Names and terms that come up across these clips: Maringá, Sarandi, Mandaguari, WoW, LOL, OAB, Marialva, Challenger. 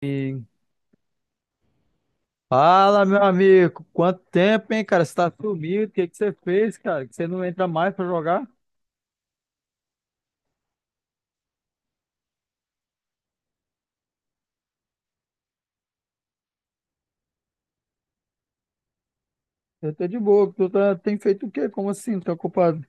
E fala, meu amigo. Quanto tempo, hein, cara? Você tá sumido? O que que você fez, cara? Que você não entra mais pra jogar? Eu tô de boa. Tu tá... tem feito o quê? Como assim? Não tá ocupado?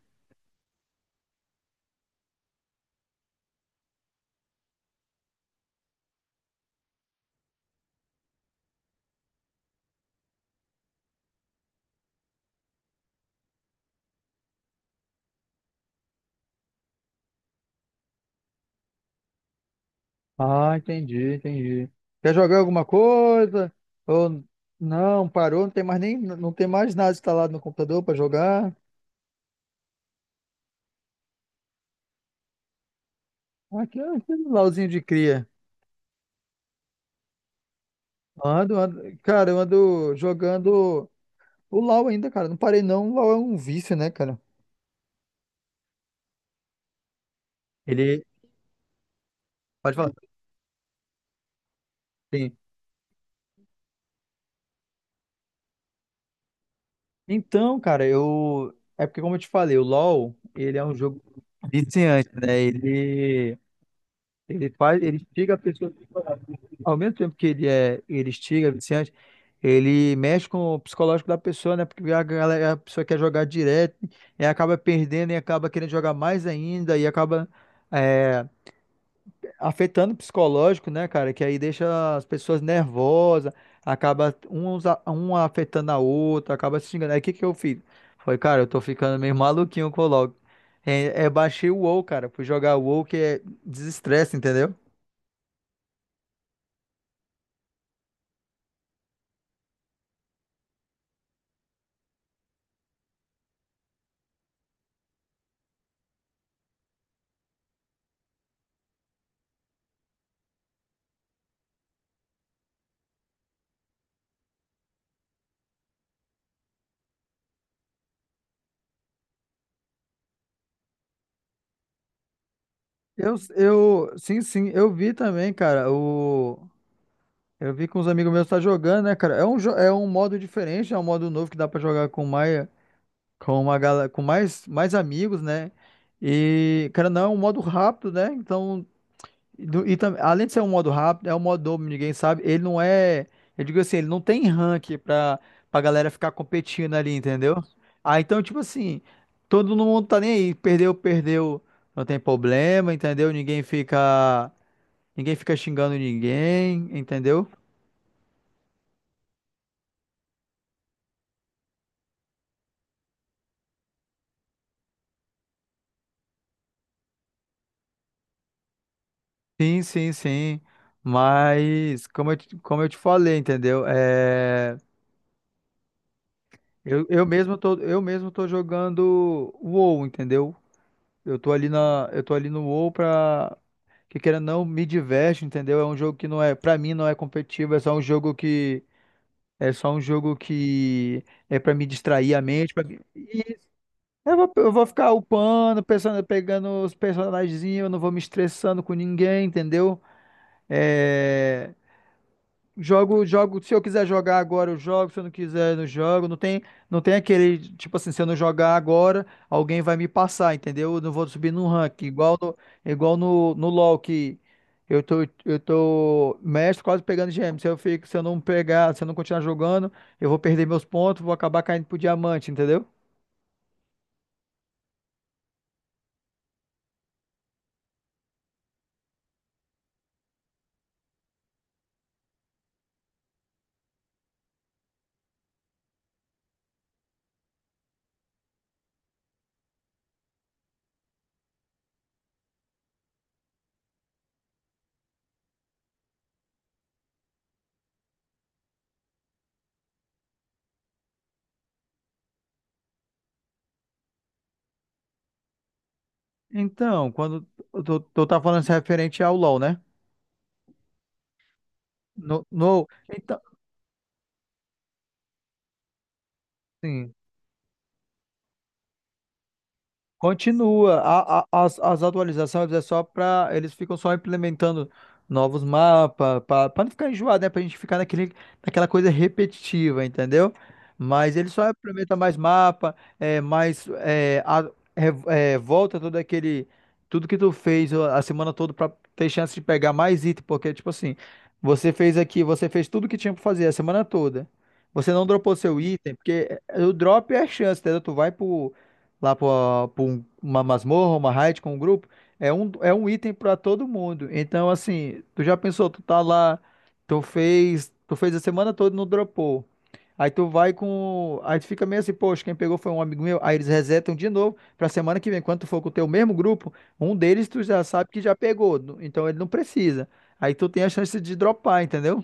Ah, entendi, entendi. Quer jogar alguma coisa? Ou não, parou, não tem mais nem, não tem mais nada instalado no computador pra jogar. Aqui é aquele LOLzinho de cria. Ando, ando, cara, eu ando jogando o LOL ainda, cara. Não parei não. O LOL é um vício, né, cara? Ele, pode falar. Sim. Então, cara, eu. É porque, como eu te falei, o LoL, ele é um jogo viciante, né? Ele faz, ele instiga a pessoa. Ao mesmo tempo que ele é, ele instiga, é viciante, ele mexe com o psicológico da pessoa, né? Porque a galera, a pessoa quer jogar direto, e acaba perdendo, e acaba querendo jogar mais ainda, e acaba. é, Afetando o psicológico, né, cara? Que aí deixa as pessoas nervosas, acaba um, um afetando a outra, acaba se xingando. Aí o que que eu fiz? Foi, cara, eu tô ficando meio maluquinho com o LoL. É, é, baixei o WoW, cara. Fui jogar o WoW que é desestresse, entendeu? Sim, sim, eu vi também, cara. O, eu vi que uns amigos meus tá jogando, né, cara? É um, é um modo diferente, é um modo novo que dá pra jogar com mais, com uma galera, com mais, mais amigos, né? E, cara, não é um modo rápido, né? Então, e, e além de ser um modo rápido, é um modo dobro, ninguém sabe. Ele não é, eu digo assim, ele não tem rank pra, pra galera ficar competindo ali, entendeu? Ah, então, tipo assim, todo mundo tá nem aí, perdeu, perdeu, não tem problema, entendeu? Ninguém fica xingando ninguém, entendeu? Sim, sim, sim. Mas, como eu, como eu te falei, entendeu? É. Eu mesmo tô jogando WoW, entendeu? Eu tô ali no WoW pra que queira ou não me diverte, entendeu? É um jogo que não é, pra mim não é competitivo, é só um jogo que é pra me distrair a mente, pra- e eu vou ficar upando, pensando, pegando os personagenzinhos, eu não vou me estressando com ninguém, entendeu? É, jogo, jogo, se eu quiser jogar agora, eu jogo, se eu não quiser, eu não jogo. Não tem, não tem aquele, tipo assim, se eu não jogar agora, alguém vai me passar, entendeu? Eu não vou subir no ranking, igual no, no LoL, que eu tô, eu tô mestre quase pegando gêmeo. Se eu fico, se eu não pegar, se eu não continuar jogando, eu vou perder meus pontos, vou acabar caindo pro diamante, entendeu? Então, quando eu tô, tô tá falando isso referente ao LoL, né? No, no, então, sim. Continua. As atualizações é só para. Eles ficam só implementando novos mapas, para não ficar enjoado, né? Para a gente ficar naquele, naquela coisa repetitiva, entendeu? Mas eles só implementam mais mapa, é, mais. É, é, volta todo aquele. Tudo que tu fez a semana toda para ter chance de pegar mais item, porque, tipo assim, você fez aqui, você fez tudo que tinha para fazer a semana toda. Você não dropou seu item, porque o drop é a chance, entendeu? Tu vai pro lá pra pra uma masmorra, uma raid com um grupo, é um item pra todo mundo. Então, assim, tu já pensou, tu tá lá, tu fez a semana toda e não dropou. Aí tu vai com. Aí tu fica meio assim, poxa, quem pegou foi um amigo meu. Aí eles resetam de novo pra semana que vem. Quando tu for com o teu mesmo grupo, um deles tu já sabe que já pegou. Então ele não precisa. Aí tu tem a chance de dropar, entendeu?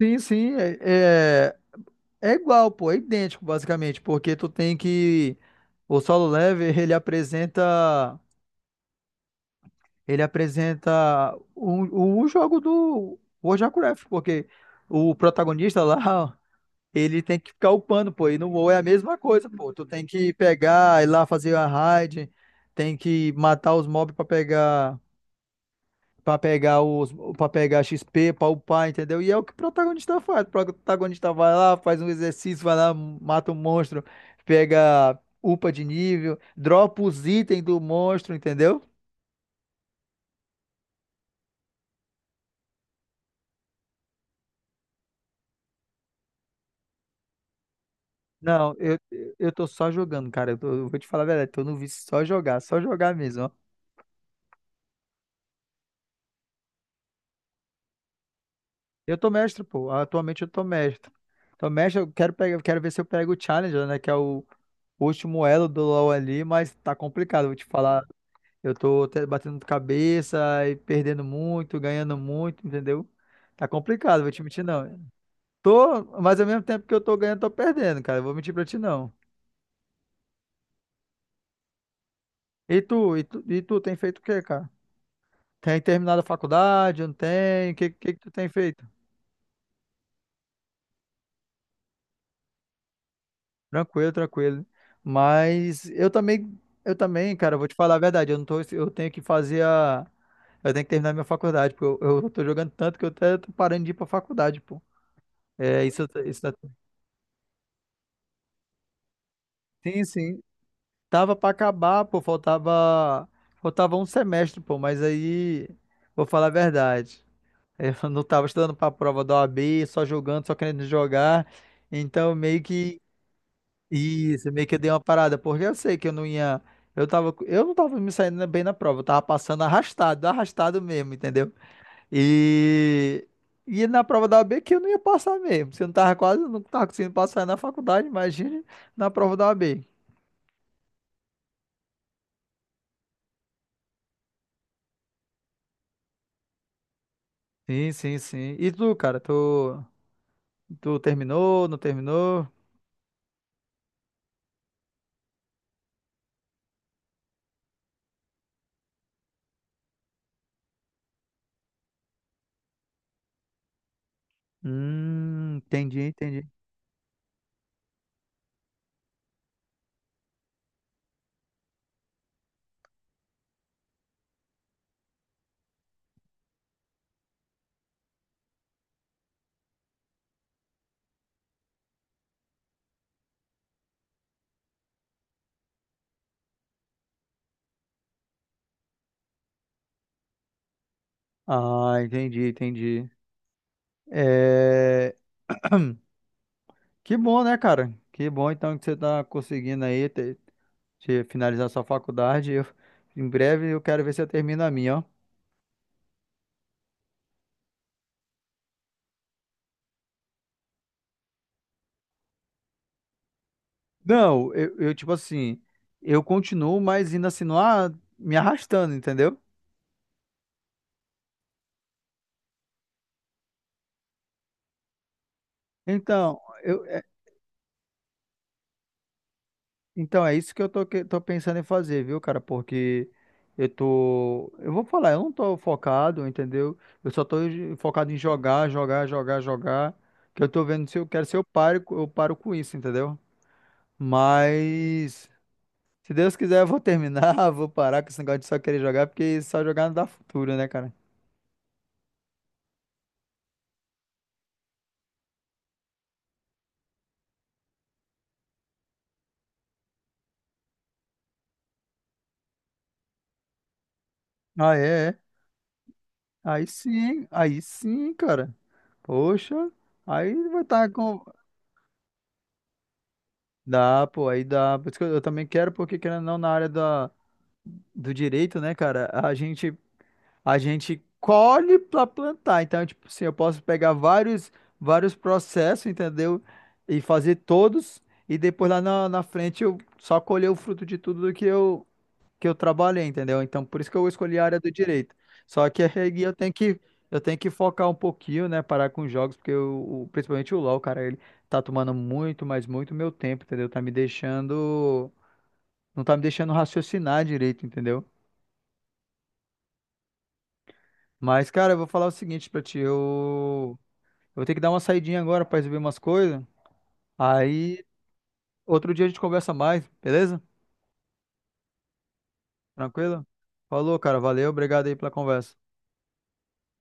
Sim, sim. É igual, pô, é idêntico basicamente, porque tu tem que o solo level, ele apresenta o jogo do World of Warcraft, porque o protagonista lá, ele tem que ficar upando, pô, e no WoW é a mesma coisa, pô. Tu tem que pegar, ir lá fazer a raid, tem que matar os mobs pra pegar pra pegar os, para pegar XP, pra upar, entendeu? E é o que o protagonista faz. O protagonista vai lá, faz um exercício, vai lá, mata um monstro, pega upa de nível, dropa os itens do monstro, entendeu? Não, eu tô só jogando, cara. Eu, eu vou te falar a verdade, tô no vício só jogar mesmo, ó. Eu tô mestre, pô. Atualmente eu tô mestre. Tô mestre, eu quero pegar, eu quero ver se eu pego o Challenger, né? Que é o último elo do LoL ali, mas tá complicado, eu vou te falar. Eu tô batendo cabeça e perdendo muito, ganhando muito, entendeu? Tá complicado, vou te mentir não. Tô, mas ao mesmo tempo que eu tô ganhando, tô perdendo, cara. Eu vou mentir pra ti não. E tu tem feito o quê, cara? Tem terminado a faculdade? Não tem? O que, que tu tem feito? Tranquilo, tranquilo. Mas eu também, cara, eu vou te falar a verdade. Eu não tô, eu tenho que terminar minha faculdade, porque eu tô jogando tanto que eu até tô parando de ir pra faculdade, pô. É, isso, sim, sim. Tava pra acabar, pô, faltava um semestre, pô, mas aí vou falar a verdade. Eu não tava estudando pra prova da OAB, só jogando, só querendo jogar. Então meio que isso, meio que eu dei uma parada, porque eu sei que eu não ia eu não tava me saindo bem na prova, eu tava passando arrastado, arrastado mesmo, entendeu? E E na prova da OAB que eu não ia passar mesmo. Se eu não tava quase, não tava conseguindo passar na faculdade, imagine na prova da OAB. Sim, sim, sim. E tu, cara, tu tu terminou, não terminou? Entendi, entendi. Ah, entendi, entendi. É... Que bom, né, cara? Que bom, então, que você tá conseguindo aí te finalizar sua faculdade. Eu- em breve eu quero ver se eu termino a minha, ó. Não, tipo assim, eu continuo, mas ainda assim, não a- me arrastando, entendeu? Então, eu, Então, é isso que tô pensando em fazer, viu, cara? Porque eu tô. Eu vou falar, eu não tô focado, entendeu? Eu só tô focado em jogar, jogar, jogar, jogar. Que eu tô vendo se eu quero, se eu paro, eu paro com isso, entendeu? Mas, se Deus quiser, eu vou terminar, vou parar com esse negócio de só querer jogar, porque só jogar não dá futuro, né, cara? Ah, é, é. Aí sim, cara. Poxa, aí vai estar com. Dá, pô, aí dá. Por isso que eu também quero, porque querendo ou não, na área da. Do direito, né, cara? A gente colhe para plantar. Então, tipo assim, eu posso pegar vários vários processos, entendeu? E fazer todos e depois lá na, na frente eu só colher o fruto de tudo que eu trabalhei, entendeu? Então, por isso que eu escolhi a área do direito. Só que aí eu tenho que focar um pouquinho, né, parar com os jogos, porque principalmente o LoL, cara, ele tá tomando muito, mas muito meu tempo, entendeu? Tá me deixando não tá me deixando raciocinar direito, entendeu? Mas, cara, eu vou falar o seguinte pra ti. Eu vou ter que dar uma saidinha agora pra resolver umas coisas. Aí, outro dia a gente conversa mais, beleza? Tranquilo? Falou, cara. Valeu. Obrigado aí pela conversa.